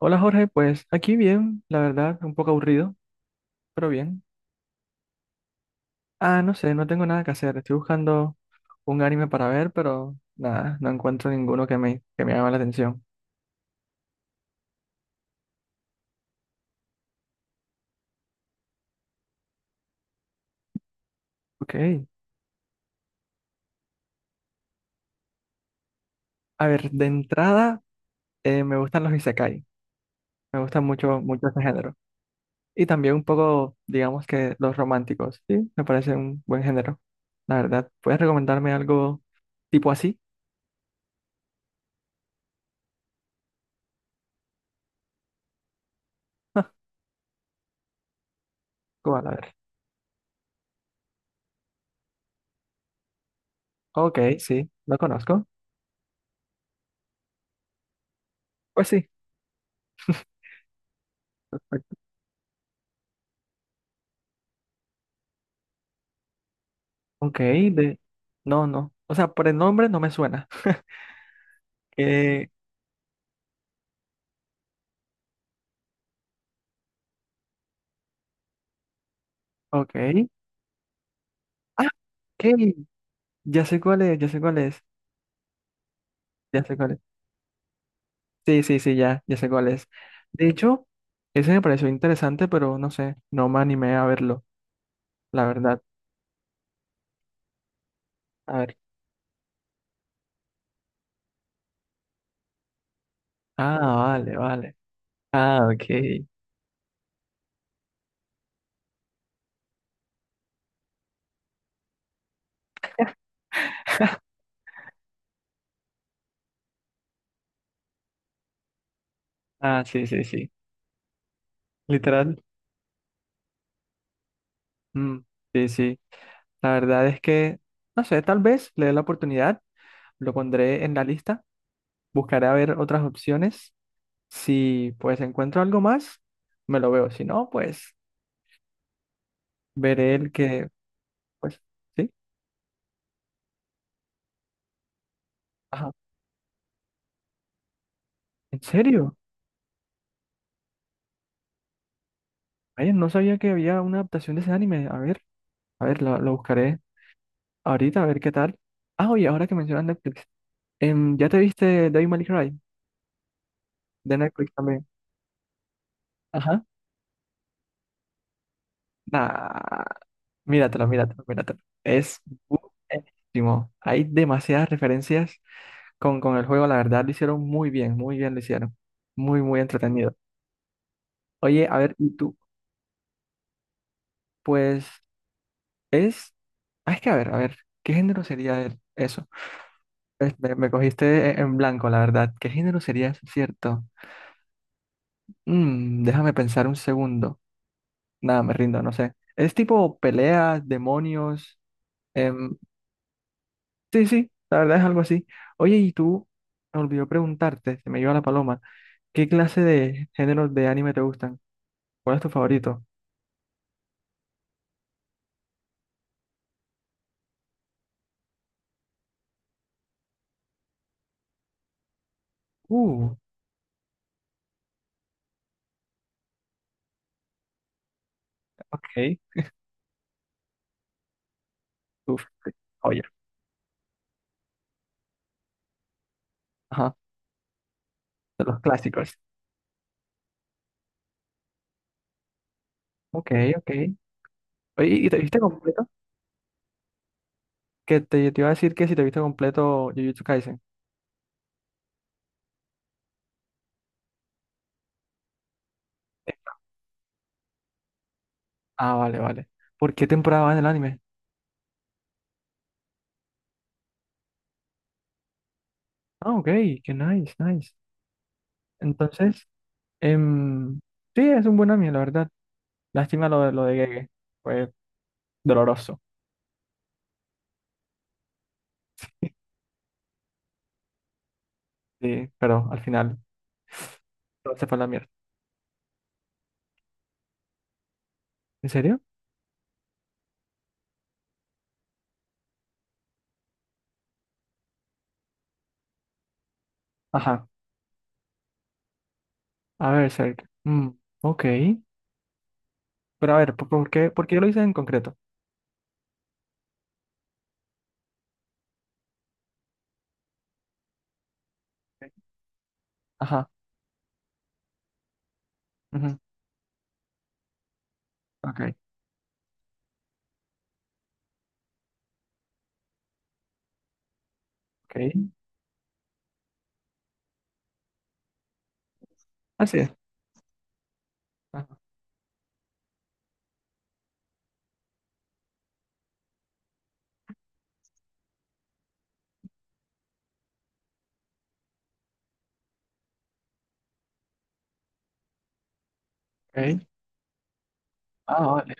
Hola Jorge, pues aquí bien, la verdad, un poco aburrido, pero bien. Ah, no sé, no tengo nada que hacer. Estoy buscando un anime para ver, pero nada, no encuentro ninguno que me llame la atención. Ok. A ver, de entrada, me gustan los isekai. Me gustan mucho, mucho ese género. Y también un poco, digamos que los románticos, sí, me parece un buen género. La verdad, ¿puedes recomendarme algo tipo así? ¿Cuál? A ver. Ok, sí, lo conozco. Pues sí. Ok. No, no. O sea, por el nombre no me suena. Eh, ok. Ah, ok. Ya sé cuál es, ya sé cuál es. Ya sé cuál es. Sí, sí, sí, ya sé cuál es. De hecho, ese me pareció interesante, pero no sé, no me animé a verlo, la verdad. A ver. Ah, vale, vale. Ah, ok. Ah, sí, sí, sí. Literal. Mm, sí, sí. La verdad es que, no sé, tal vez le dé la oportunidad, lo pondré en la lista, buscaré a ver otras opciones. Si pues encuentro algo más, me lo veo. Si no, pues veré el que, pues, sí. Ajá. ¿En serio? Ay, no sabía que había una adaptación de ese anime. A ver, lo buscaré ahorita, a ver qué tal. Ah, oye, ahora que mencionas Netflix. ¿Ya te viste Devil May Cry? De Netflix también. Ajá. Nah, míratelo, míratelo, míratelo. Es buenísimo. Hay demasiadas referencias con el juego, la verdad, lo hicieron muy bien lo hicieron. Muy, muy entretenido. Oye, a ver, ¿y tú? Pues es, es que a ver, ¿qué género sería eso? Me cogiste en blanco, la verdad. ¿Qué género sería eso, cierto? Déjame pensar un segundo. Nada, me rindo, no sé. Es tipo peleas, demonios. em, sí, sí, la verdad es algo así. Oye, y tú, me olvidó preguntarte, se me iba la paloma, ¿qué clase de géneros de anime te gustan? ¿Cuál es tu favorito? Uh, ok. Uf, oye, ajá, de los clásicos. Ok, ok. Oye, ¿y te viste completo? Que te iba a decir que si te viste completo Jujutsu Kaisen. Ah, vale, vale. ¿Por qué temporada va en el anime? Ah, ok, qué nice, nice. Entonces, em, sí, es un buen anime, la verdad. Lástima lo de Gege. Fue doloroso. Sí, pero al final todo se fue a la mierda. ¿En serio? Ajá. A ver, Cerc. Mm, ok. Pero a ver, por qué lo hice en concreto? Ajá. Ujú. Ok. Ok. Así es. Ajá. Ok. Ah, vale.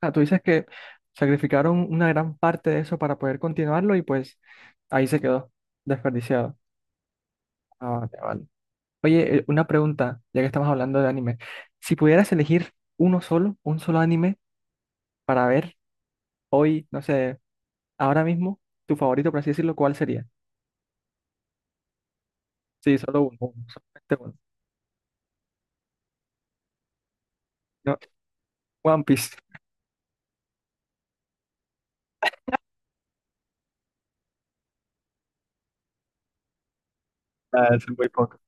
Ah, tú dices que sacrificaron una gran parte de eso para poder continuarlo y pues ahí se quedó desperdiciado. Ah, vale, vale. Oye, una pregunta, ya que estamos hablando de anime. Si pudieras elegir uno solo, un solo anime para ver hoy, no sé, ahora mismo, tu favorito, por así decirlo, ¿cuál sería? Sí, solo uno, uno, solamente uno. No, One Piece. Ah, es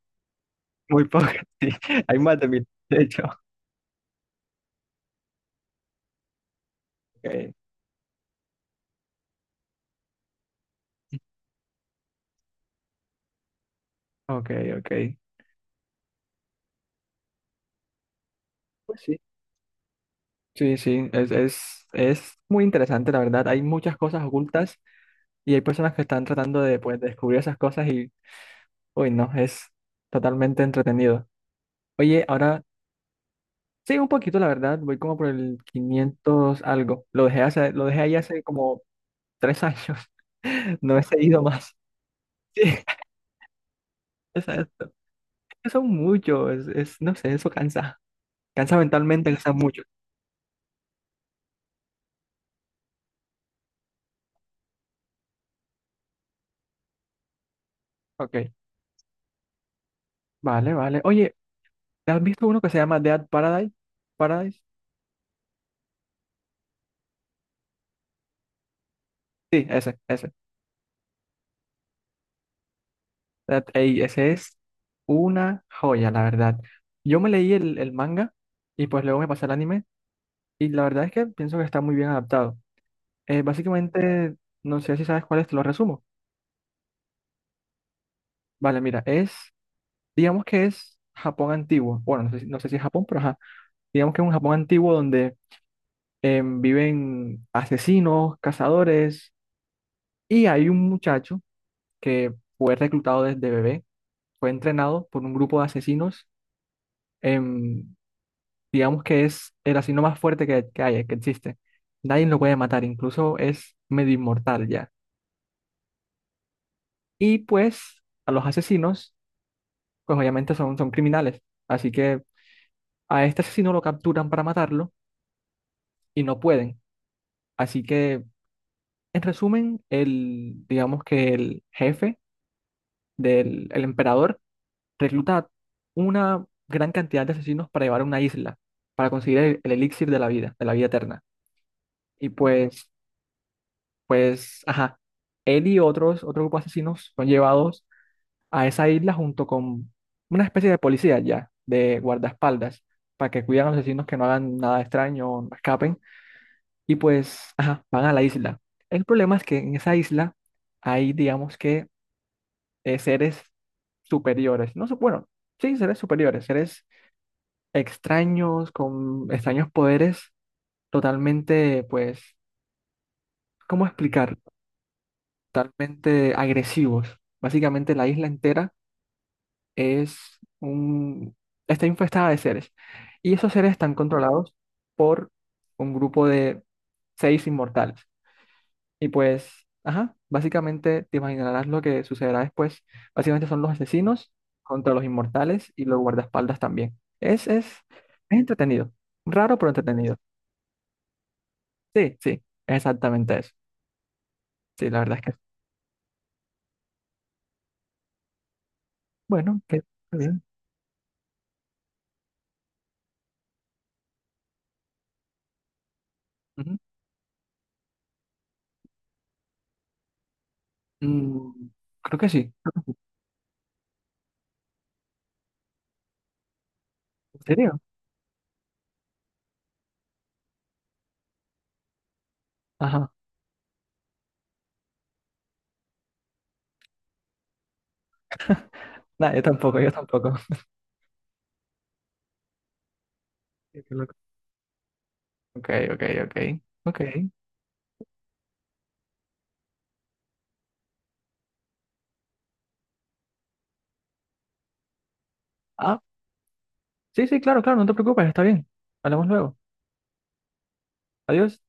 muy poco, sí. Hay más de mil, de hecho. Ok, ok, ok. Pues sí. Sí, sí, es muy interesante, la verdad. Hay muchas cosas ocultas y hay personas que están tratando de pues, descubrir esas cosas y, uy, no, es totalmente entretenido. Oye, ahora, sí, un poquito, la verdad, voy como por el 500 algo. Lo dejé ahí hace como 3 años, no he seguido más. Sí, exacto. Son muchos, no sé, eso cansa. Cansa mentalmente, cansa mucho. Ok, vale, vale. Oye, ¿te has visto uno que se llama Dead Paradise? ¿Paradise? Sí, ese, ese. Ey, ese es una joya, la verdad. Yo me leí el manga y pues luego me pasé al anime y la verdad es que pienso que está muy bien adaptado. Básicamente, no sé si sabes cuál es, te lo resumo. Vale, mira, digamos que es Japón antiguo. Bueno, no sé, no sé si es Japón, pero ajá. Digamos que es un Japón antiguo donde viven asesinos, cazadores y hay un muchacho que fue reclutado desde bebé, fue entrenado por un grupo de asesinos. em, digamos que es el asesino más fuerte que hay, que existe. Nadie lo puede matar, incluso es medio inmortal ya. Y pues a los asesinos, pues obviamente son criminales, así que a este asesino lo capturan para matarlo y no pueden. Así que, en resumen, digamos que el jefe del el emperador recluta una gran cantidad de asesinos para llevar a una isla, para conseguir el elixir de la vida eterna. Y pues Pues, ajá, él y otro grupo de asesinos son llevados a esa isla junto con una especie de policía ya, de guardaespaldas, para que cuiden a los asesinos que no hagan nada extraño, o no escapen, y pues, ajá, van a la isla. El problema es que en esa isla hay, digamos que, seres superiores, no sé, bueno, sí, seres superiores, seres extraños, con extraños poderes, totalmente, pues, ¿cómo explicar? Totalmente agresivos. Básicamente la isla entera es un, está infestada de seres. Y esos seres están controlados por un grupo de 6 inmortales. Y pues, ajá, básicamente te imaginarás lo que sucederá después. Básicamente son los asesinos contra los inmortales y los guardaespaldas también. Es entretenido. Raro, pero entretenido. Sí, sí, exactamente eso. Sí, la verdad es que, bueno, que está bien. Ujú. Mm, Creo que sí. ¿En serio? Ajá. No, yo tampoco, yo tampoco. Sí, qué loco. Ok, ok, ok. Ok. Ah, sí, sí, claro, claro, no te preocupes, está bien. Hablamos luego. Adiós.